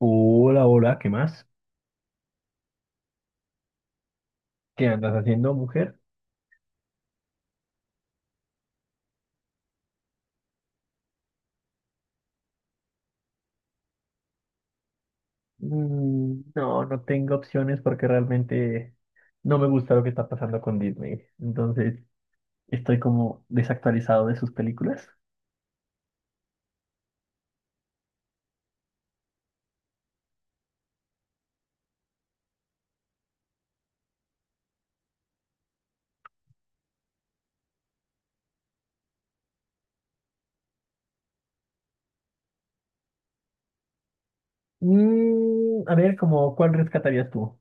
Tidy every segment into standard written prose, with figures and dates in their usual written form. Hola, hola, ¿qué más? ¿Qué andas haciendo, mujer? Mm, no, no tengo opciones porque realmente no me gusta lo que está pasando con Disney. Entonces, estoy como desactualizado de sus películas. Mm, a ver, como, ¿cuál rescatarías tú?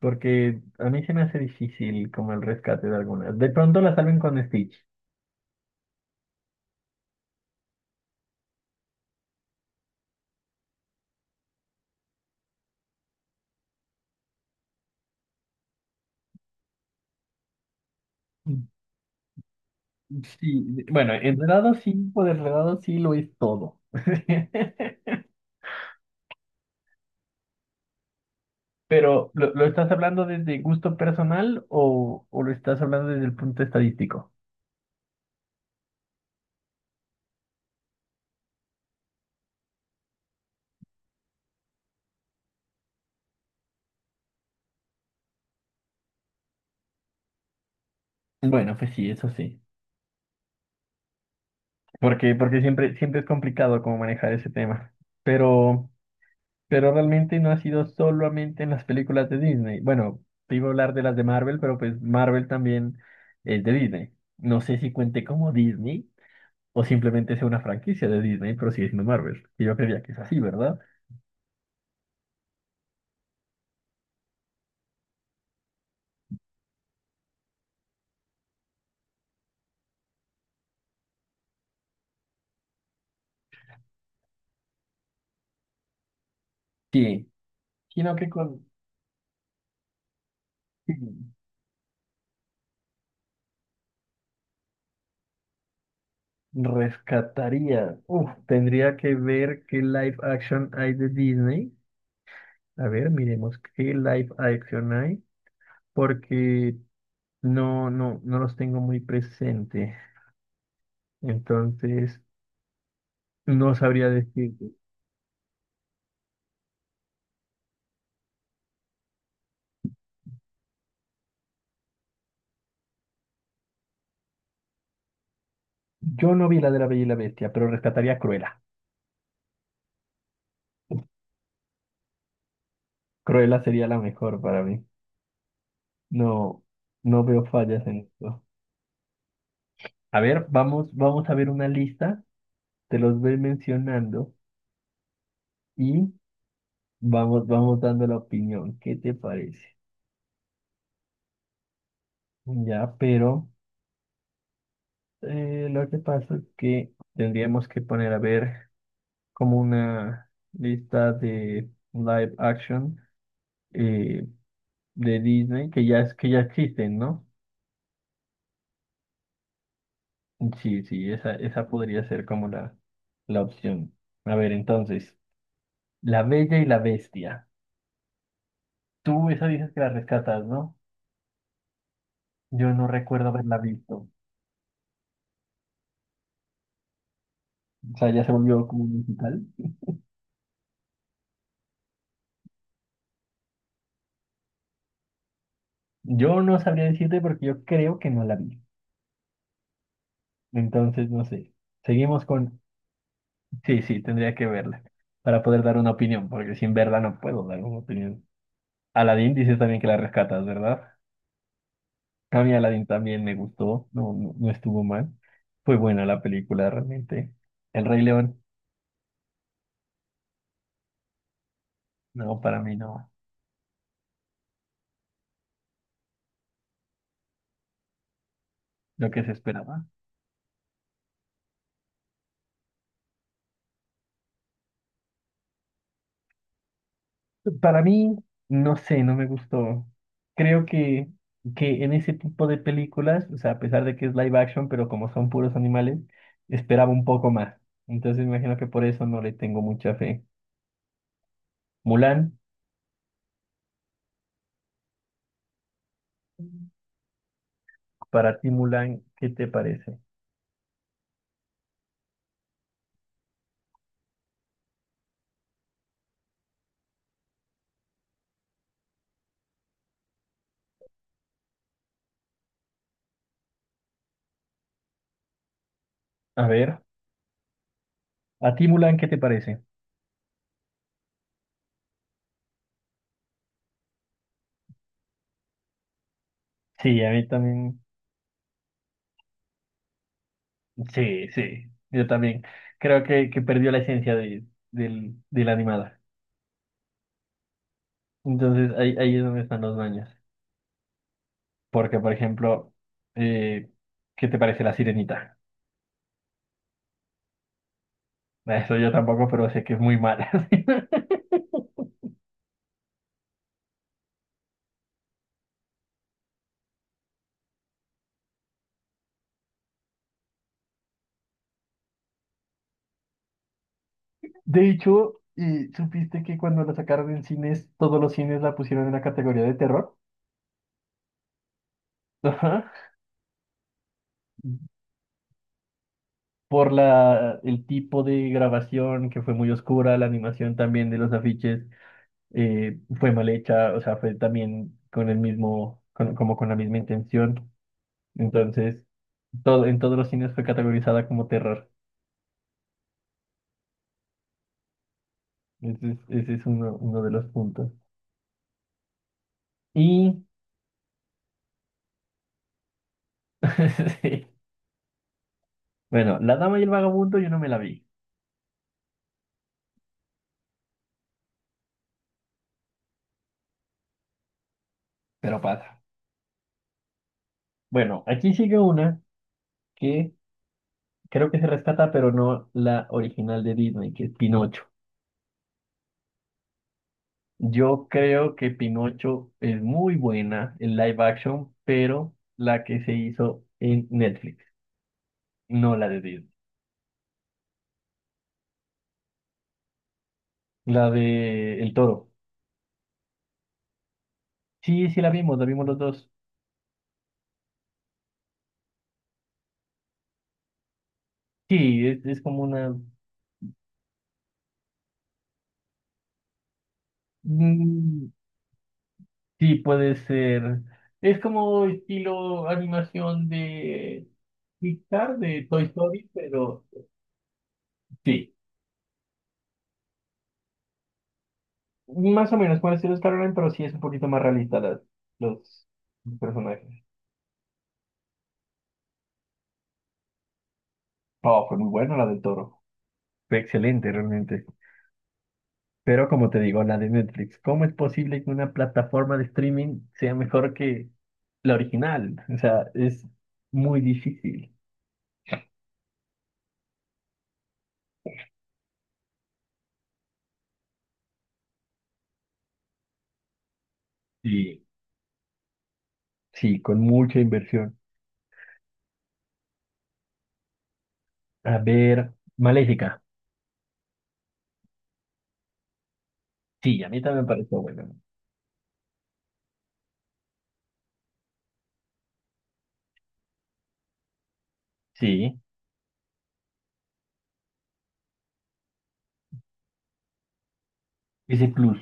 Porque a mí se me hace difícil como el rescate de algunas. De pronto la salven con Stitch. Mm, sí, bueno, enredado sí, por enredado sí lo es todo. Pero, ¿lo estás hablando desde gusto personal o lo estás hablando desde el punto estadístico? Bueno, pues sí, eso sí. Porque siempre es complicado como manejar ese tema. Pero, pero realmente no ha sido solamente en las películas de Disney. Bueno, te iba a hablar de las de Marvel, pero pues Marvel también es de Disney. No sé si cuente como Disney o simplemente sea una franquicia de Disney, pero sigue siendo Marvel. Y yo creía que es así, ¿verdad? Sí, sino que con... sí. Rescataría. Uf, tendría que ver qué live action hay de Disney. A ver, miremos qué live action hay, porque no los tengo muy presente. Entonces, no sabría decir. Yo no vi la de la Bella y la Bestia, pero rescataría a Cruella. Cruella sería la mejor para mí. No, no veo fallas en esto. A ver, vamos a ver una lista. Te los voy mencionando y vamos dando la opinión. ¿Qué te parece? Ya, pero lo que pasa es que tendríamos que poner a ver como una lista de live action eh, de Disney que ya es que ya existen, ¿no? Sí, sí, esa podría ser como la opción. A ver, entonces, La Bella y la Bestia. Tú esa dices que la rescatas, ¿no? Yo no recuerdo haberla visto. O sea, ya se volvió como un musical. Yo no sabría decirte porque yo creo que no la vi. Entonces, no sé. Seguimos con sí, sí, tendría que verla para poder dar una opinión, porque sin verla no puedo dar una opinión. Aladdin dices también que la rescatas, ¿verdad? A mí Aladdin también me gustó, no estuvo mal. Fue buena la película realmente. El Rey León, no, para mí no, lo que se esperaba. Para mí, no sé, no me gustó. Creo que en ese tipo de películas, o sea, a pesar de que es live action, pero como son puros animales, esperaba un poco más. Entonces me imagino que por eso no le tengo mucha fe. Mulan. Para ti, Mulan, ¿qué te parece? A ver, ¿a ti, Mulan, qué te parece? Sí, a mí también. Sí, sí, yo también. Creo que perdió la esencia de la animada. Entonces, ahí, ahí es donde están los baños. Porque, por ejemplo, eh, ¿qué te parece la sirenita? Eso yo tampoco, pero sé que es muy mala. De hecho, ¿supiste que cuando la sacaron en cines, todos los cines la pusieron en la categoría de terror? Ajá. Por la, el tipo de grabación que fue muy oscura, la animación también de los afiches fue mal hecha, o sea, fue también con el mismo, como con la misma intención. Entonces, todo, en todos los cines fue categorizada como terror. Ese es uno, uno de los puntos. Y, sí. Bueno, La Dama y el Vagabundo yo no me la vi, pero pasa. Bueno, aquí sigue una que creo que se rescata, pero no la original de Disney, que es Pinocho. Yo creo que Pinocho es muy buena en live action, pero la que se hizo en Netflix, no la de Disney. La de El Toro. Sí, sí la vimos los dos. Sí, es como una... Mm, sí, puede ser. Es como estilo animación de Pixar, de Toy Story, pero sí. Más o menos puede ser Star Online, pero sí es un poquito más realista las- los los personajes. Oh, fue muy buena la del Toro. Fue excelente realmente. Pero como te digo, la de Netflix, ¿cómo es posible que una plataforma de streaming sea mejor que la original? O sea, es muy difícil. Sí. Sí, con mucha inversión. A ver, Maléfica. Sí, a mí también me pareció bueno. Sí, ese plus.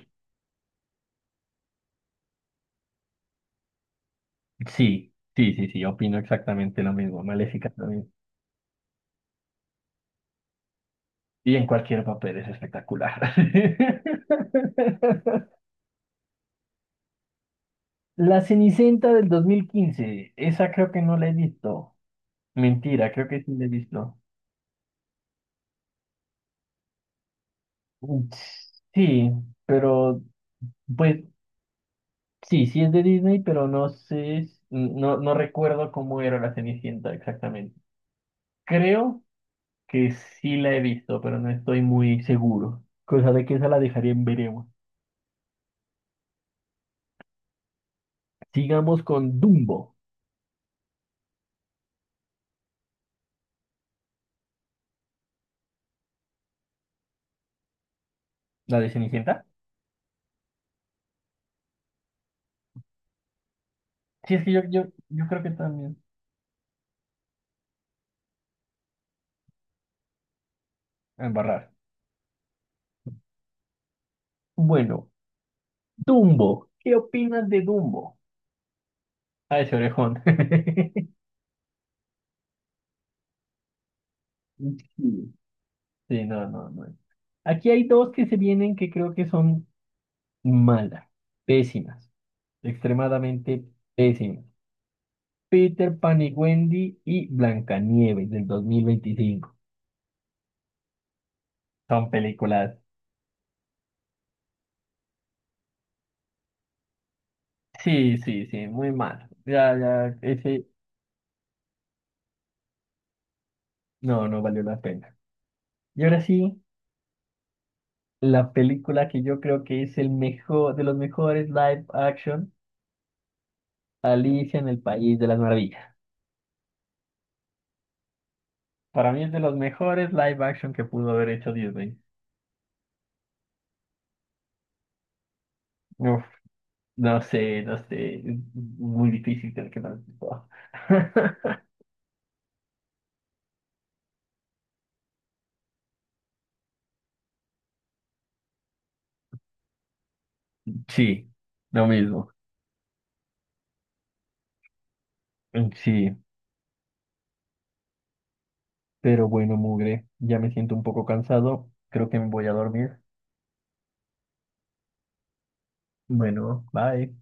Sí, opino exactamente lo mismo. Maléfica también. Y en cualquier papel es espectacular. La Cenicienta del 2015. Esa creo que no la he visto. Mentira, creo que sí la he visto. Mm, sí, pero pues sí, sí es de Disney, pero no sé, no, no recuerdo cómo era la Cenicienta exactamente. Creo que sí la he visto, pero no estoy muy seguro. Cosa de que esa la dejaría en veremos. Sigamos con Dumbo, la de Cenicienta. Sí, es que yo creo que también. A embarrar. Bueno, Dumbo, ¿qué opinas de Dumbo? Ah, ese orejón. Sí. Sí, no, no, no. Aquí hay dos que se vienen que creo que son malas, pésimas, extremadamente pésimas. Peter Pan y Wendy y Blancanieves del 2025. Son películas. Sí, sí, sí, muy malas. Ya, ya, ese no, no valió la pena. Y ahora sí, la película que yo creo que es el mejor, de los mejores live action, Alicia en el País de las Maravillas. Para mí es de los mejores live action que pudo haber hecho Disney. Uf, no sé, no sé. Es muy difícil tener que no. Sí, lo mismo. Mm, sí, pero bueno, mugre. Ya me siento un poco cansado. Creo que me voy a dormir. Bueno, bye.